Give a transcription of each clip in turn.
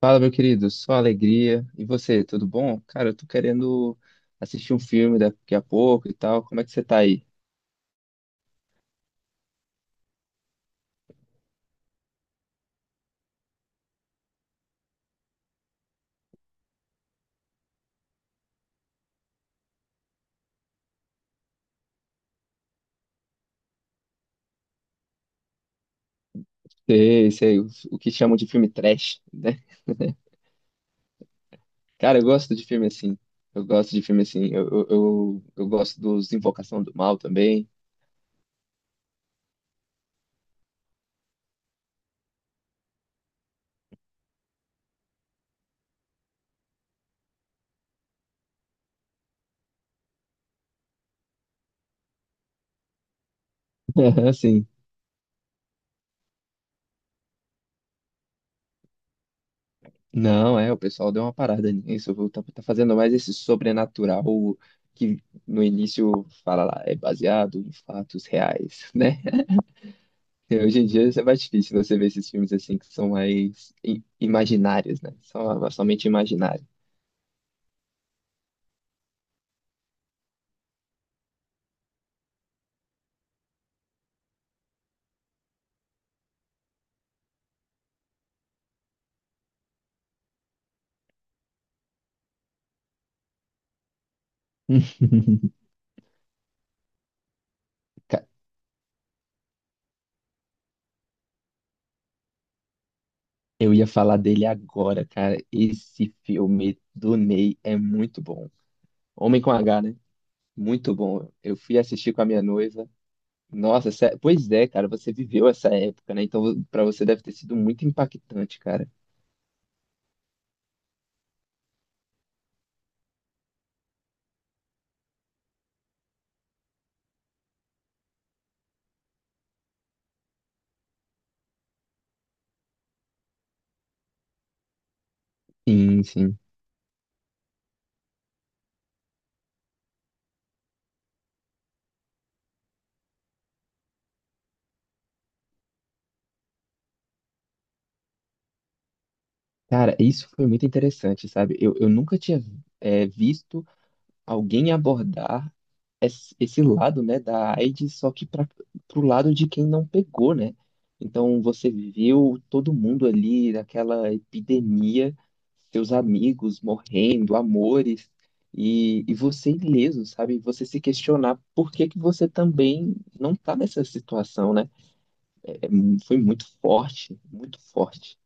Fala, meu querido, só alegria. E você, tudo bom? Cara, eu tô querendo assistir um filme daqui a pouco e tal. Como é que você tá aí? Sei, sei, o que chamam de filme trash, né? Cara, eu gosto de filme assim. Eu gosto de filme assim. Eu gosto dos Invocação do Mal também. Assim. Não, é, o pessoal deu uma parada nisso. Viu? Tá, tá fazendo mais esse sobrenatural que no início fala lá, é baseado em fatos reais, né? É, hoje em dia é mais difícil você ver esses filmes assim que são mais imaginários, né? Só, somente imaginário. Ca- Eu ia falar dele agora, cara. Esse filme do Ney é muito bom. Homem com H, né? Muito bom. Eu fui assistir com a minha noiva. Nossa, pois é, cara, você viveu essa época, né? Então, pra você deve ter sido muito impactante, cara. Sim, sim. Cara, isso foi muito interessante, sabe? Eu nunca tinha, visto alguém abordar esse lado, né, da AIDS, só que para pro lado de quem não pegou, né? Então você viu todo mundo ali naquela epidemia, seus amigos morrendo, amores, e você ileso, sabe? Você se questionar por que que você também não tá nessa situação, né? Foi muito forte, muito forte.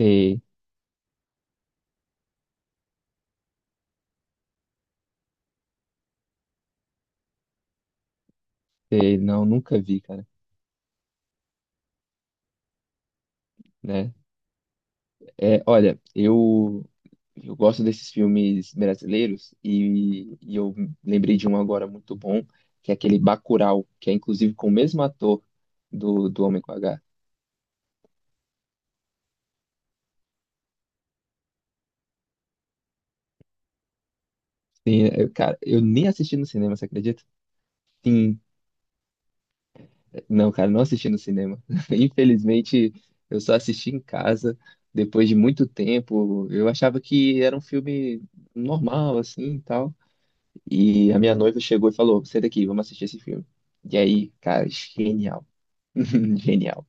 Sei, sei, não, nunca vi, cara, né? É, olha, eu gosto desses filmes brasileiros e eu lembrei de um agora muito bom, que é aquele Bacurau, que é inclusive com o mesmo ator do Homem com H. Sim, cara, eu nem assisti no cinema, você acredita? Sim, não, cara, não assisti no cinema. Infelizmente, eu só assisti em casa depois de muito tempo. Eu achava que era um filme normal, assim, e tal. E a minha noiva chegou e falou, sai daqui, vamos assistir esse filme. E aí, cara, genial. Genial.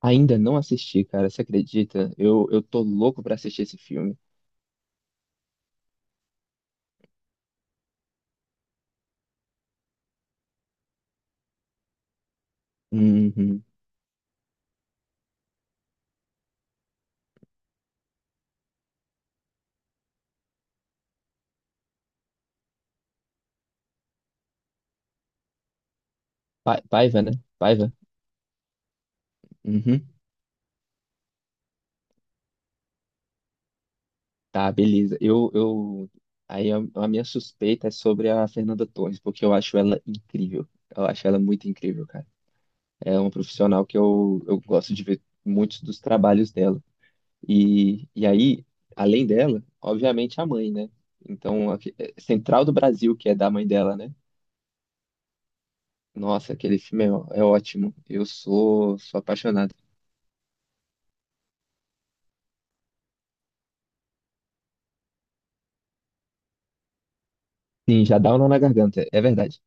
Ainda não assisti, cara, você acredita? Eu tô louco pra assistir esse filme. Uhum. Paiva, né? Paiva? Uhum. Tá, beleza. Eu... Aí a minha suspeita é sobre a Fernanda Torres, porque eu acho ela incrível. Eu acho ela muito incrível, cara. É uma profissional que eu gosto de ver muitos dos trabalhos dela. E, e aí, além dela, obviamente a mãe, né? Então, a Central do Brasil, que é da mãe dela, né? Nossa, aquele filme é, é ótimo. Eu sou, sou apaixonado. Sim, já dá um nó na garganta, é verdade.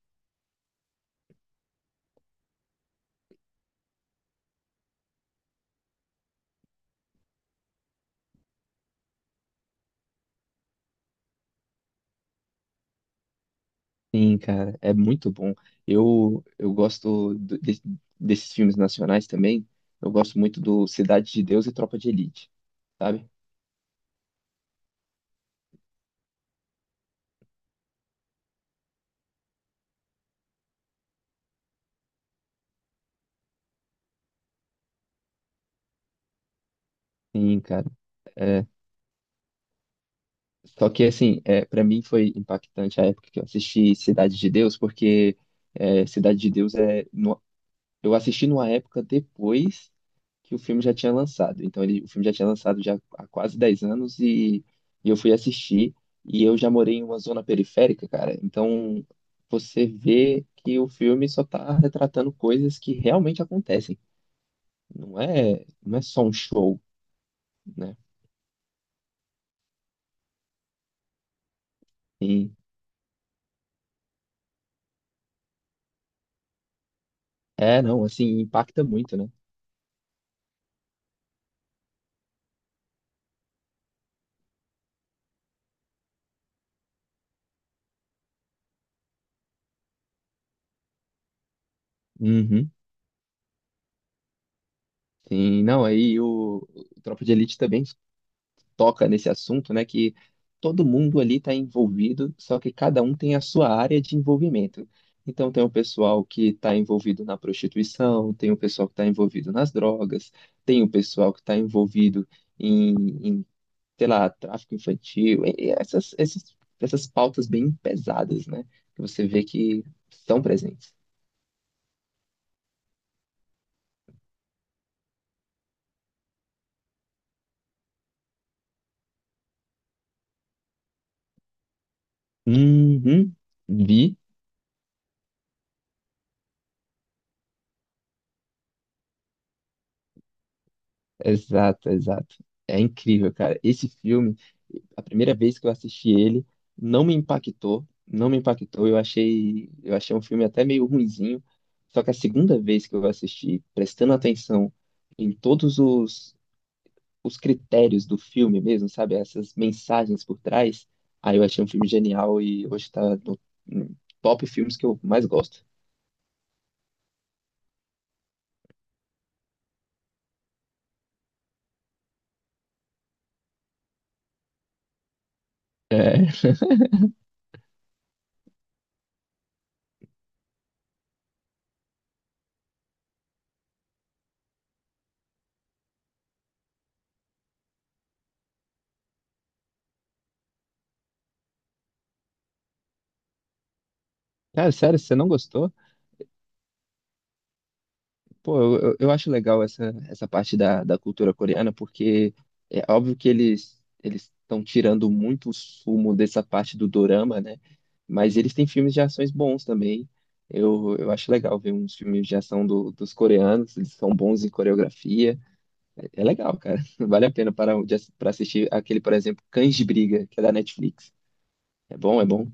Sim, cara, é muito bom. Eu gosto desses filmes nacionais também. Eu gosto muito do Cidade de Deus e Tropa de Elite, sabe? Sim, cara. É, só que assim, é, para mim foi impactante a época que eu assisti Cidade de Deus, porque é, Cidade de Deus é, não Eu assisti numa época depois que o filme já tinha lançado. Então, ele, o filme já tinha lançado já há quase 10 anos e eu fui assistir. E eu já morei em uma zona periférica, cara. Então, você vê que o filme só tá retratando coisas que realmente acontecem. Não é só um show, né? Sim. É, não, assim, impacta muito, né? Uhum. Sim, não, aí o Tropa de Elite também toca nesse assunto, né? Que todo mundo ali está envolvido, só que cada um tem a sua área de envolvimento. Então, tem o pessoal que está envolvido na prostituição, tem o pessoal que está envolvido nas drogas, tem o pessoal que está envolvido em, em, sei lá, tráfico infantil, e essas, essas pautas bem pesadas, né? Que você vê que estão presentes. Uhum, vi. Exato, exato. É incrível, cara. Esse filme, a primeira vez que eu assisti ele, não me impactou, não me impactou. Eu achei um filme até meio ruinzinho. Só que a segunda vez que eu assisti, prestando atenção em todos os critérios do filme mesmo, sabe? Essas mensagens por trás, aí eu achei um filme genial e hoje tá no top filmes que eu mais gosto. É, cara, sério, você não gostou? Pô, eu acho legal essa parte da cultura coreana, porque é óbvio que eles estão tirando muito o sumo dessa parte do dorama, né? Mas eles têm filmes de ações bons também. Eu acho legal ver uns filmes de ação dos coreanos, eles são bons em coreografia. É legal, cara. Vale a pena para, para assistir aquele, por exemplo, Cães de Briga, que é da Netflix. É bom, é bom.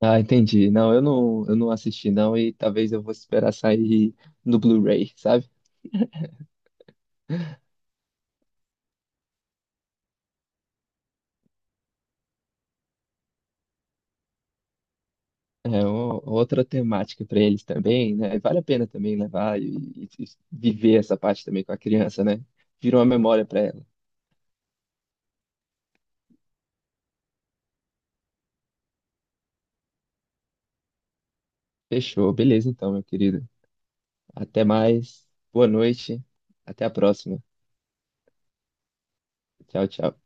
Ah, entendi. Não, eu não assisti não e talvez eu vou esperar sair no Blu-ray, sabe? É outra temática para eles também, né? E vale a pena também levar e viver essa parte também com a criança, né? Virou uma memória para ela. Fechou, beleza então, meu querido. Até mais. Boa noite. Até a próxima. Tchau, tchau.